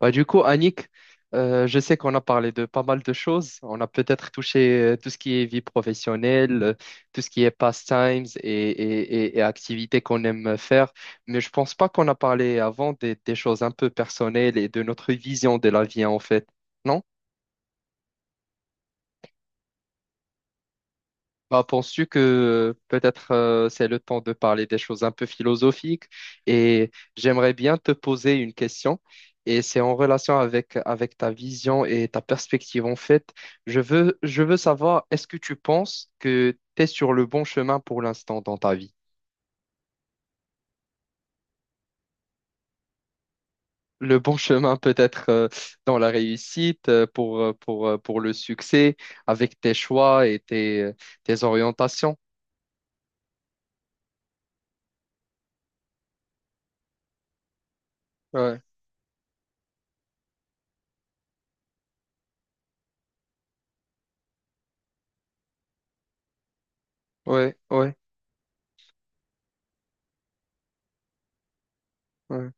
Bah, du coup, Annick, je sais qu'on a parlé de pas mal de choses. On a peut-être touché tout ce qui est vie professionnelle, tout ce qui est pastimes et activités qu'on aime faire. Mais je pense pas qu'on a parlé avant des choses un peu personnelles et de notre vision de la vie, en fait. Non. Bah, penses-tu que peut-être c'est le temps de parler des choses un peu philosophiques? Et j'aimerais bien te poser une question, et c'est en relation avec ta vision et ta perspective, en fait. Je veux savoir, est-ce que tu penses que tu es sur le bon chemin pour l'instant dans ta vie? Le bon chemin peut-être, dans la réussite, pour le succès, avec tes choix et tes orientations. Ouais, ouais, ouais, ouais.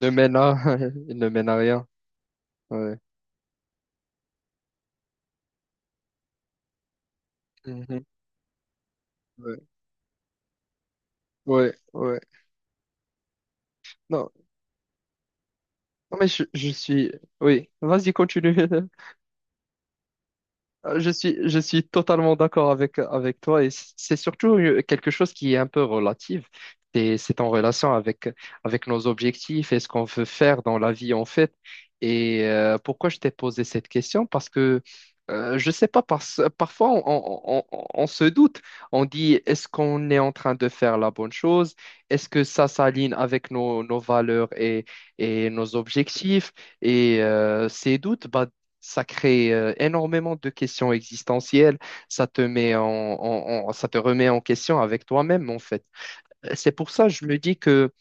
Ne mène à, ne mène à rien. Ouais. Mhm. Ouais, ouais, ouais. Non, non, mais je suis... Oui, vas-y, continue. Je suis totalement d'accord avec toi, et c'est surtout quelque chose qui est un peu relative. C'est en relation avec nos objectifs et ce qu'on veut faire dans la vie, en fait. Et pourquoi je t'ai posé cette question? Parce que je sais pas, parfois on se doute. On dit, est-ce qu'on est en train de faire la bonne chose? Est-ce que ça s'aligne avec nos valeurs et nos objectifs? Et ces doutes, bah, ça crée énormément de questions existentielles. Ça te remet en question avec toi-même, en fait. C'est pour ça que je me dis que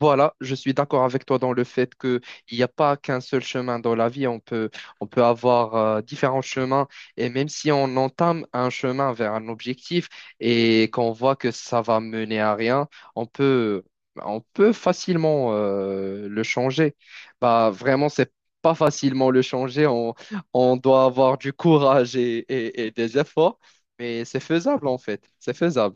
voilà, je suis d'accord avec toi dans le fait que il n'y a pas qu'un seul chemin dans la vie. On peut avoir différents chemins, et même si on entame un chemin vers un objectif et qu'on voit que ça va mener à rien, on peut, on peut facilement le changer. Bah, vraiment, c'est pas facilement le changer. On doit avoir du courage et des efforts, mais c'est faisable, en fait. C'est faisable.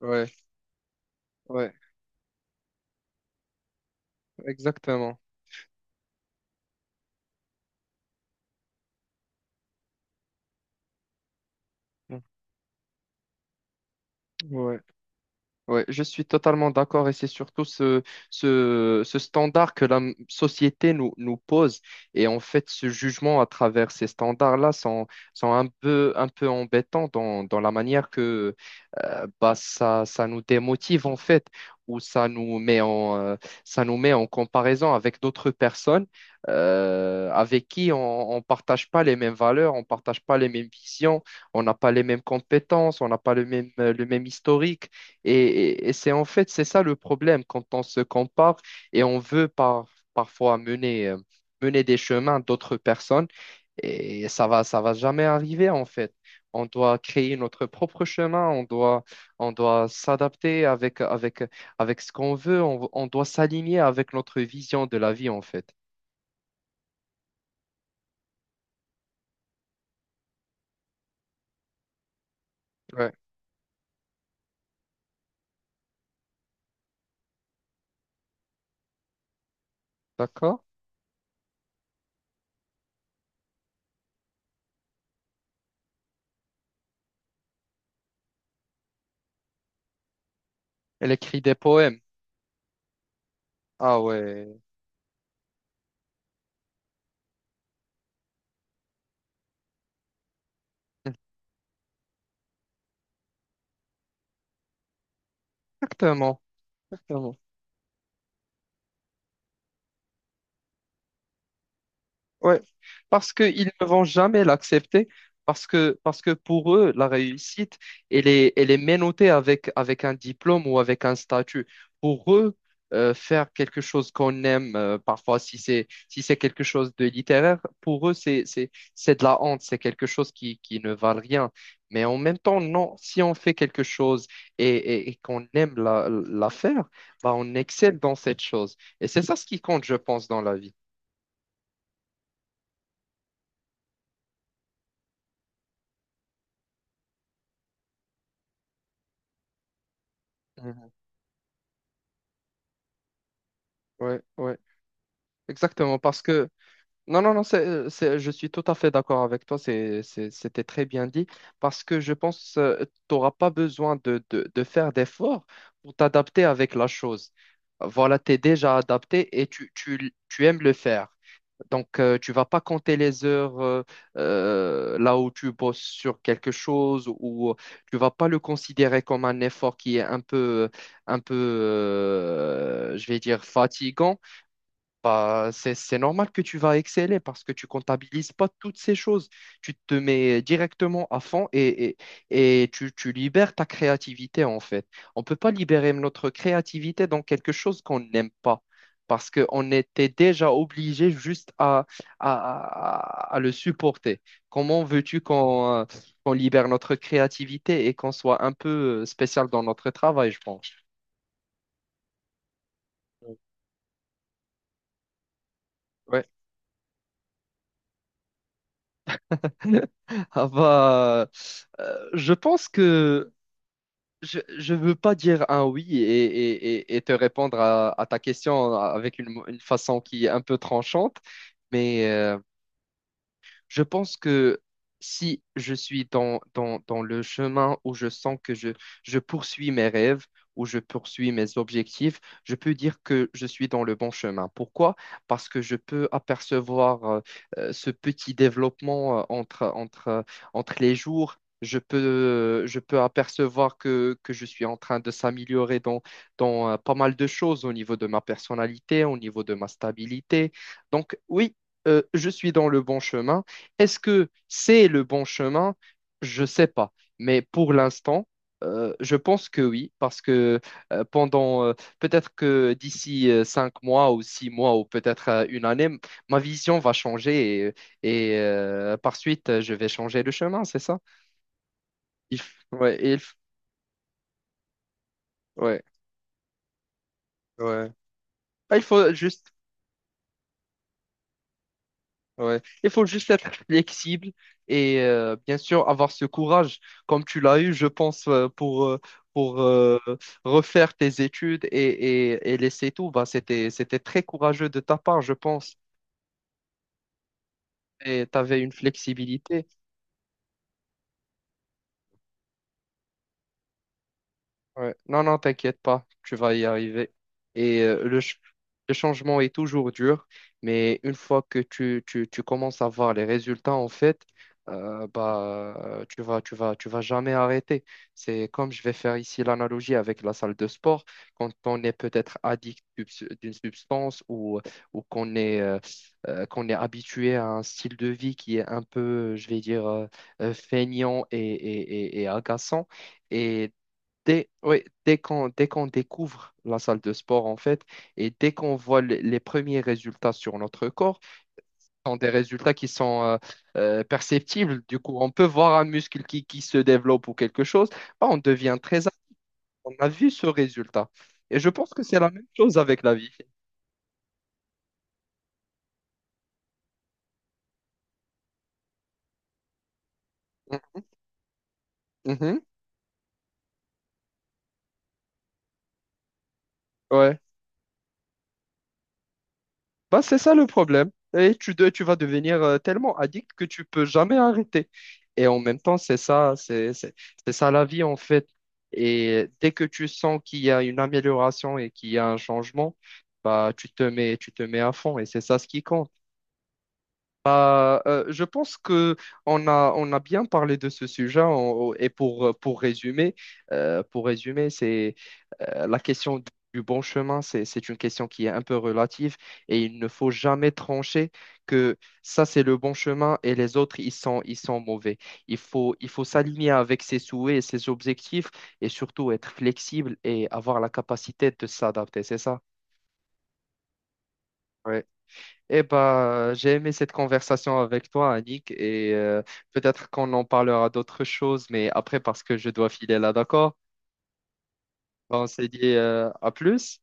Ouais, ouais, exactement. Ouais. Ouais, je suis totalement d'accord, et c'est surtout ce standard que la société nous pose, et en fait ce jugement à travers ces standards-là sont, un peu, embêtants dans la manière que, bah, ça nous démotive, en fait, ou ça nous met en comparaison avec d'autres personnes, avec qui on ne partage pas les mêmes valeurs, on ne partage pas les mêmes visions, on n'a pas les mêmes compétences, on n'a pas le même historique. Et c'est en fait, c'est ça le problème quand on se compare, et on veut parfois mener, mener des chemins d'autres personnes. Et ça va jamais arriver, en fait. On doit créer notre propre chemin, on doit s'adapter avec ce qu'on veut. On doit s'aligner avec notre vision de la vie, en fait. Ouais. D'accord? Elle écrit des poèmes. Ah, ouais, exactement. Exactement. Ouais, parce qu'ils ne vont jamais l'accepter, parce que pour eux, la réussite, elle est menottée avec un diplôme ou avec un statut. Pour eux, faire quelque chose qu'on aime, parfois si c'est quelque chose de littéraire, pour eux, c'est de la honte, c'est quelque chose qui ne valent rien. Mais en même temps, non, si on fait quelque chose et qu'on aime la faire, bah, on excelle dans cette chose. Et c'est ça ce qui compte, je pense, dans la vie. Mhm. Ouais, ouais. Exactement, parce que non, non, non, je suis tout à fait d'accord avec toi, c'était très bien dit, parce que je pense que tu n'auras pas besoin de faire d'efforts pour t'adapter avec la chose. Voilà, tu es déjà adapté et tu aimes le faire. Donc, tu vas pas compter les heures, là où tu bosses sur quelque chose, ou tu vas pas le considérer comme un effort qui est un peu, je vais dire, fatigant. Bah, c'est normal que tu vas exceller, parce que tu comptabilises pas toutes ces choses. Tu te mets directement à fond, et tu libères ta créativité, en fait. On peut pas libérer notre créativité dans quelque chose qu'on n'aime pas, parce qu'on était déjà obligé juste à, à le supporter. Comment veux-tu qu'on libère notre créativité et qu'on soit un peu spécial dans notre travail, je pense. Ouais. Ah, bah, je pense que je ne veux pas dire un oui et, et te répondre à ta question avec une façon qui est un peu tranchante, mais je pense que si je suis dans le chemin où je sens que je poursuis mes rêves, où je poursuis mes objectifs, je peux dire que je suis dans le bon chemin. Pourquoi? Parce que je peux apercevoir ce petit développement, entre les jours. Je peux apercevoir que je suis en train de s'améliorer dans, dans pas mal de choses, au niveau de ma personnalité, au niveau de ma stabilité. Donc oui, je suis dans le bon chemin. Est-ce que c'est le bon chemin? Je ne sais pas. Mais pour l'instant, je pense que oui, parce que pendant peut-être que d'ici 5 mois ou 6 mois, ou peut-être une année, ma vision va changer, et par suite, je vais changer de chemin, c'est ça? Il f- ouais, il f- ouais, ouais. Ah, il faut juste... Ouais. Il faut juste être flexible, et bien sûr avoir ce courage comme tu l'as eu, je pense, pour refaire tes études, et laisser tout. Bah, c'était très courageux de ta part, je pense. Et tu avais une flexibilité. Ouais. Non, non, t'inquiète pas, tu vas y arriver. Et le changement est toujours dur, mais une fois que tu commences à voir les résultats, en fait, tu vas jamais arrêter. C'est comme je vais faire ici l'analogie avec la salle de sport. Quand on est peut-être addict d'une substance, ou ou qu'on est, euh, qu'on est habitué à un style de vie qui est un peu, je vais dire, feignant et agaçant. Et ouais, dès qu'on découvre la salle de sport, en fait, et dès qu'on voit les premiers résultats sur notre corps, ce sont des résultats qui sont perceptibles. Du coup, on peut voir un muscle qui se développe, ou quelque chose. Bah, on devient très apte. On a vu ce résultat. Et je pense que c'est la même chose avec la vie. Mhm. Mhm. Ouais. Bah, c'est ça le problème. Et tu vas devenir, tellement addict que tu peux jamais arrêter. Et en même temps, c'est ça, c'est ça la vie, en fait. Et dès que tu sens qu'il y a une amélioration et qu'il y a un changement, bah, tu te mets à fond. Et c'est ça ce qui compte. Bah, je pense que on a bien parlé de ce sujet, et pour, pour résumer, c'est la question du bon chemin, c'est une question qui est un peu relative, et il ne faut jamais trancher que ça c'est le bon chemin et les autres, ils sont mauvais. Il faut s'aligner avec ses souhaits et ses objectifs, et surtout être flexible et avoir la capacité de s'adapter, c'est ça? Eh ben, j'ai aimé cette conversation avec toi, Annick, et peut-être qu'on en parlera d'autres choses, mais après, parce que je dois filer là, d'accord? Ben, on s'est dit à plus.